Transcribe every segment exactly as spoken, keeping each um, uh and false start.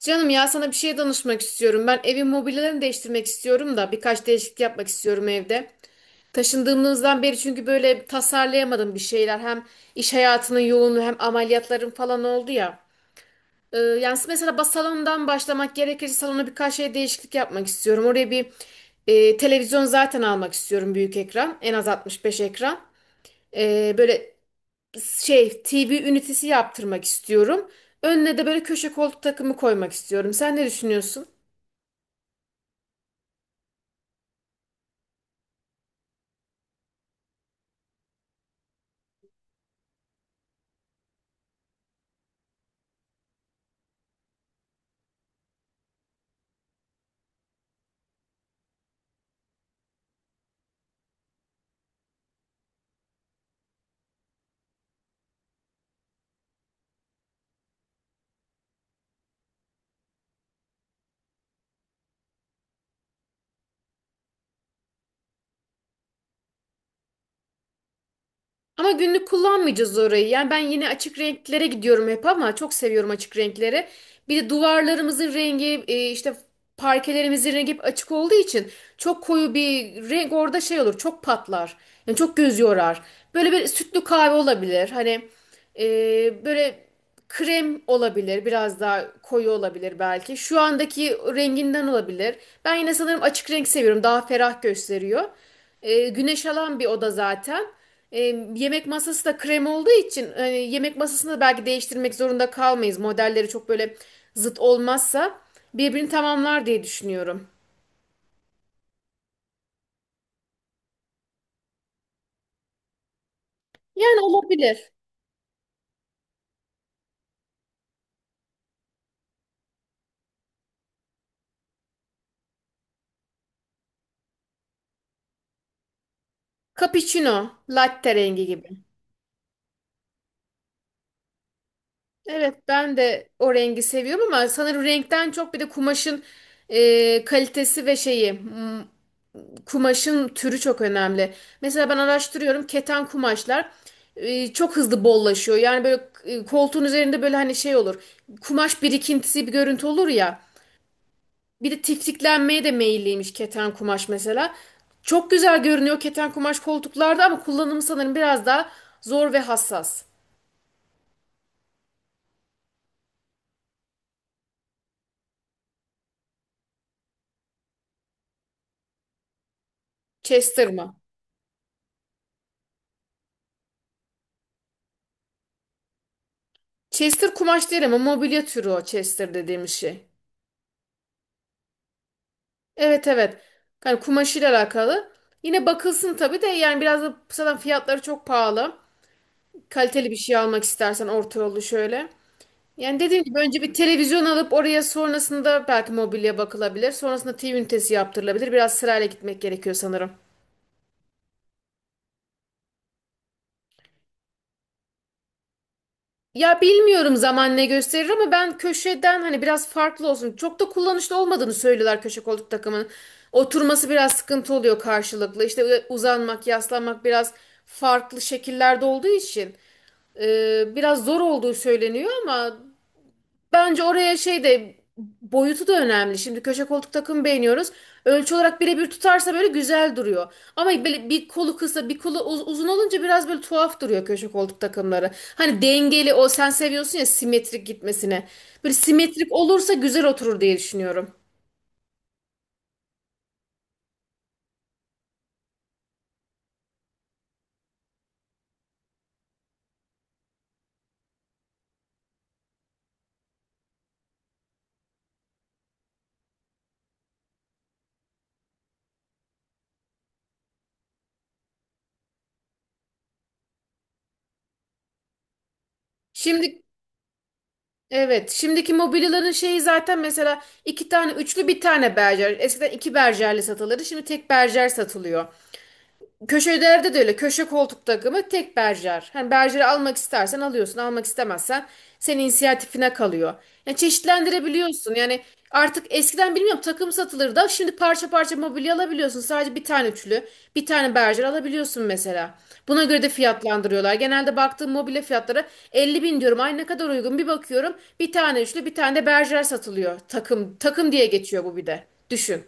Canım ya sana bir şey danışmak istiyorum. Ben evin mobilyalarını değiştirmek istiyorum da birkaç değişiklik yapmak istiyorum evde. Taşındığımızdan beri çünkü böyle tasarlayamadım bir şeyler. Hem iş hayatının yoğunluğu hem ameliyatlarım falan oldu ya. Ee, yani mesela bas salondan başlamak gerekirse salona birkaç şey değişiklik yapmak istiyorum. Oraya bir e, televizyon zaten almak istiyorum, büyük ekran. En az altmış beş ekran. Ee, böyle şey T V ünitesi yaptırmak istiyorum. Önüne de böyle köşe koltuk takımı koymak istiyorum. Sen ne düşünüyorsun? Ama günlük kullanmayacağız orayı. Yani ben yine açık renklere gidiyorum hep ama çok seviyorum açık renkleri. Bir de duvarlarımızın rengi e, işte parkelerimizin rengi hep açık olduğu için çok koyu bir renk orada şey olur, çok patlar. Yani çok göz yorar. Böyle bir sütlü kahve olabilir. Hani e, böyle krem olabilir. Biraz daha koyu olabilir belki. Şu andaki renginden olabilir. Ben yine sanırım açık renk seviyorum. Daha ferah gösteriyor. E, güneş alan bir oda zaten. E, yemek masası da krem olduğu için e, yemek masasını da belki değiştirmek zorunda kalmayız. Modelleri çok böyle zıt olmazsa birbirini tamamlar diye düşünüyorum. Yani olabilir. Cappuccino, latte rengi gibi. Evet, ben de o rengi seviyorum ama sanırım renkten çok bir de kumaşın e, kalitesi ve şeyi. Kumaşın türü çok önemli. Mesela ben araştırıyorum, keten kumaşlar e, çok hızlı bollaşıyor. Yani böyle e, koltuğun üzerinde böyle hani şey olur. Kumaş birikintisi bir görüntü olur ya. Bir de tiftiklenmeye de meyilliymiş keten kumaş mesela. Çok güzel görünüyor keten kumaş koltuklarda ama kullanımı sanırım biraz daha zor ve hassas. Chester mı? Chester kumaş değil ama mobilya türü o Chester dediğimiz şey. Evet, evet. Yani kumaşıyla alakalı. Yine bakılsın tabii de yani biraz da zaten fiyatları çok pahalı. Kaliteli bir şey almak istersen orta yolu şöyle. Yani dediğim gibi önce bir televizyon alıp oraya, sonrasında belki mobilya bakılabilir. Sonrasında T V ünitesi yaptırılabilir. Biraz sırayla gitmek gerekiyor sanırım. Ya bilmiyorum, zaman ne gösterir ama ben köşeden hani biraz farklı olsun. Çok da kullanışlı olmadığını söylüyorlar köşe koltuk takımının. Oturması biraz sıkıntı oluyor karşılıklı. İşte uzanmak, yaslanmak biraz farklı şekillerde olduğu için e, biraz zor olduğu söyleniyor ama bence oraya şey de boyutu da önemli. Şimdi köşe koltuk takım beğeniyoruz. Ölçü olarak birebir tutarsa böyle güzel duruyor. Ama böyle bir kolu kısa bir kolu uz- uzun olunca biraz böyle tuhaf duruyor köşe koltuk takımları. Hani dengeli o, sen seviyorsun ya simetrik gitmesine. Böyle simetrik olursa güzel oturur diye düşünüyorum. Şimdi evet, şimdiki mobilyaların şeyi zaten mesela iki tane üçlü, bir tane berjer. Eskiden iki berjerli satılırdı, şimdi tek berjer satılıyor. Köşelerde de öyle. Köşe koltuk takımı tek berjer. Hani berjeri almak istersen alıyorsun. Almak istemezsen senin inisiyatifine kalıyor. Yani çeşitlendirebiliyorsun. Yani artık eskiden bilmiyorum takım satılırdı da şimdi parça parça mobilya alabiliyorsun. Sadece bir tane üçlü, bir tane berjer alabiliyorsun mesela. Buna göre de fiyatlandırıyorlar. Genelde baktığım mobilya fiyatları elli bin diyorum. Ay, ne kadar uygun. Bir bakıyorum bir tane üçlü, bir tane de berjer satılıyor. Takım takım diye geçiyor bu bir de. Düşün.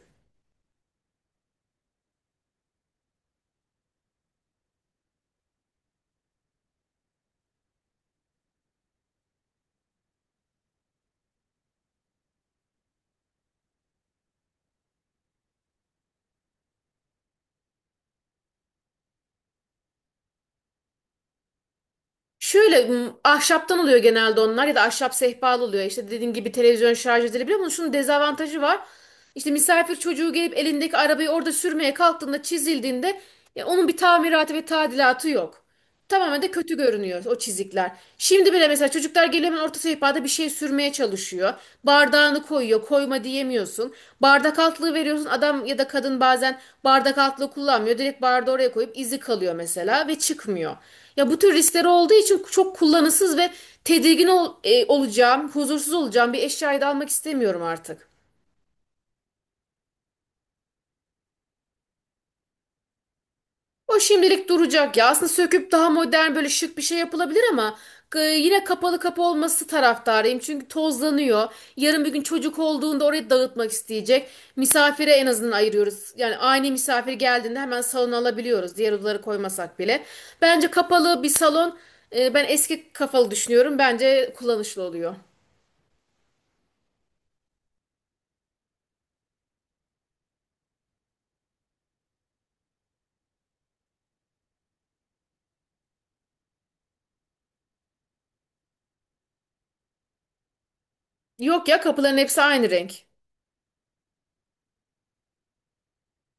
Şöyle m, ahşaptan oluyor genelde onlar ya da ahşap sehpalı oluyor. İşte dediğim gibi televizyon şarj edilebiliyor ama şunun dezavantajı var. İşte misafir çocuğu gelip elindeki arabayı orada sürmeye kalktığında, çizildiğinde ya onun bir tamiratı ve tadilatı yok. Tamamen de kötü görünüyor o çizikler. Şimdi bile mesela çocuklar geliyor, hemen orta sehpada bir şey sürmeye çalışıyor. Bardağını koyuyor, koyma diyemiyorsun. Bardak altlığı veriyorsun. Adam ya da kadın bazen bardak altlığı kullanmıyor. Direkt bardağı oraya koyup izi kalıyor mesela ve çıkmıyor. Ya bu tür riskleri olduğu için çok kullanışsız ve tedirgin ol- e, olacağım, huzursuz olacağım bir eşyayı da almak istemiyorum artık. O şimdilik duracak ya. Aslında söküp daha modern böyle şık bir şey yapılabilir ama e, yine kapalı kapı olması taraftarıyım. Çünkü tozlanıyor. Yarın bir gün çocuk olduğunda orayı dağıtmak isteyecek. Misafire en azından ayırıyoruz. Yani aynı misafir geldiğinde hemen salona alabiliyoruz. Diğer odaları koymasak bile. Bence kapalı bir salon, e, ben eski kafalı düşünüyorum. Bence kullanışlı oluyor. Yok ya, kapıların hepsi aynı renk.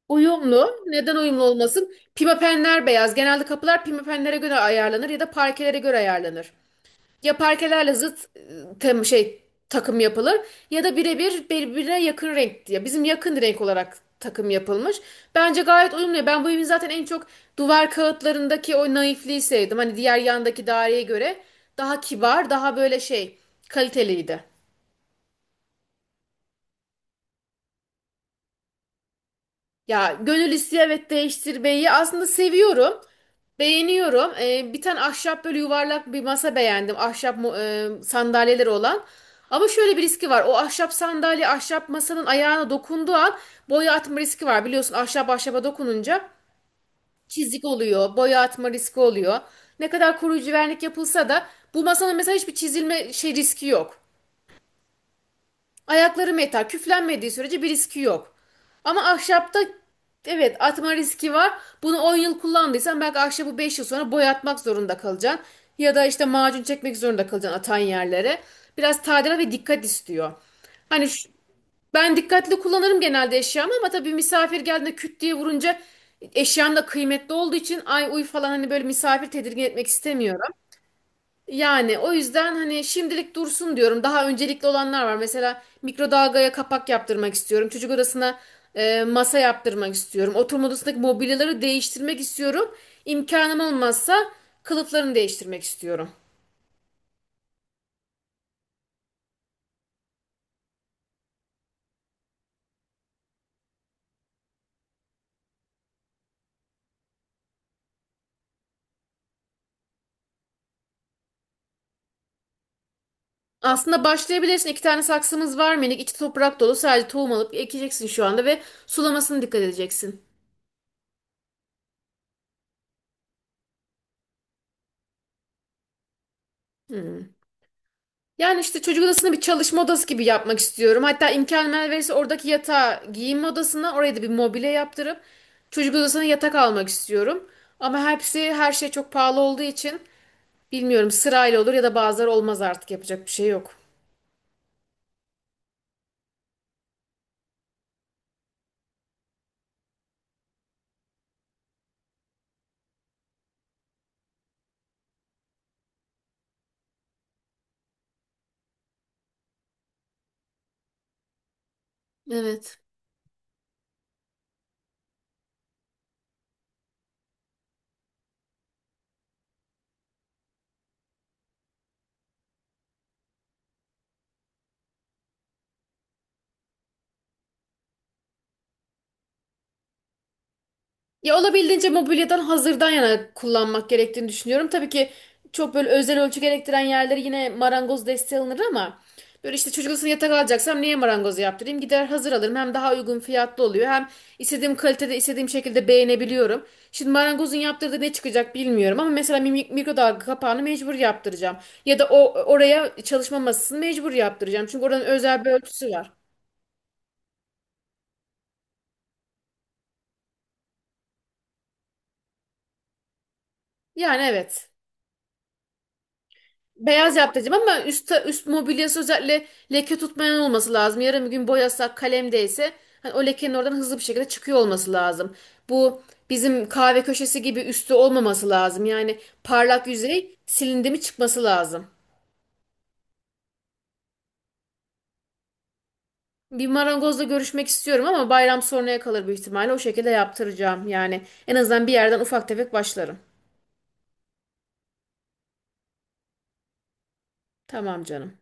Uyumlu. Neden uyumlu olmasın? Pimapenler beyaz. Genelde kapılar pimapenlere göre ayarlanır ya da parkelere göre ayarlanır. Ya parkelerle zıt e, tem şey takım yapılır ya da birebir birbirine yakın renk diye. Bizim yakın renk olarak takım yapılmış. Bence gayet uyumlu. Ben bu evin zaten en çok duvar kağıtlarındaki o naifliği sevdim. Hani diğer yandaki daireye göre daha kibar, daha böyle şey, kaliteliydi. Ya gönül istiyor, evet, değiştirmeyi aslında seviyorum. Beğeniyorum. Ee, bir tane ahşap böyle yuvarlak bir masa beğendim. Ahşap mu- e, sandalyeleri olan. Ama şöyle bir riski var. O ahşap sandalye ahşap masanın ayağına dokunduğu an boya atma riski var. Biliyorsun ahşap ahşaba dokununca çizik oluyor. Boya atma riski oluyor. Ne kadar koruyucu vernik yapılsa da bu masanın mesela hiçbir çizilme şey riski yok. Ayakları metal. Küflenmediği sürece bir riski yok. Ama ahşapta evet atma riski var. Bunu on yıl kullandıysan belki ahşabı beş yıl sonra boyatmak zorunda kalacaksın. Ya da işte macun çekmek zorunda kalacaksın atan yerlere. Biraz tadilat ve dikkat istiyor. Hani şu- ben dikkatli kullanırım genelde eşyamı ama tabii misafir geldiğinde küt diye vurunca eşyam da kıymetli olduğu için ay uy falan, hani böyle misafir tedirgin etmek istemiyorum. Yani o yüzden hani şimdilik dursun diyorum. Daha öncelikli olanlar var. Mesela mikrodalgaya kapak yaptırmak istiyorum. Çocuk odasına e, masa yaptırmak istiyorum. Oturma odasındaki mobilyaları değiştirmek istiyorum. İmkanım olmazsa kılıflarını değiştirmek istiyorum. Aslında başlayabilirsin. İki tane saksımız var minik. İçi toprak dolu. Sadece tohum alıp ekeceksin şu anda ve sulamasına dikkat edeceksin. Hmm. Yani işte çocuk odasını bir çalışma odası gibi yapmak istiyorum. Hatta imkan verirse oradaki yatağı giyinme odasına, oraya da bir mobilya yaptırıp çocuk odasına yatak almak istiyorum. Ama hepsi, her şey çok pahalı olduğu için bilmiyorum, sırayla olur ya da bazıları olmaz, artık yapacak bir şey yok. Evet. Ya olabildiğince mobilyadan hazırdan yana kullanmak gerektiğini düşünüyorum. Tabii ki çok böyle özel ölçü gerektiren yerleri yine marangoz desteği alınır ama böyle işte çocuk odasına yatak alacaksam niye marangozu yaptırayım? Gider hazır alırım. Hem daha uygun fiyatlı oluyor. Hem istediğim kalitede istediğim şekilde beğenebiliyorum. Şimdi marangozun yaptırdığı ne çıkacak bilmiyorum ama mesela mi- mikrodalga kapağını mecbur yaptıracağım. Ya da o oraya çalışma masasını mecbur yaptıracağım. Çünkü oranın özel bir ölçüsü var. Yani evet. Beyaz yaptıracağım ama üst, üst mobilyası özellikle leke tutmayan olması lazım. Yarın bir gün boyasak, kalem değse hani o lekenin oradan hızlı bir şekilde çıkıyor olması lazım. Bu bizim kahve köşesi gibi üstü olmaması lazım. Yani parlak yüzey silindi mi çıkması lazım. Bir marangozla görüşmek istiyorum ama bayram sonraya kalır büyük ihtimalle. O şekilde yaptıracağım. Yani en azından bir yerden ufak tefek başlarım. Tamam canım.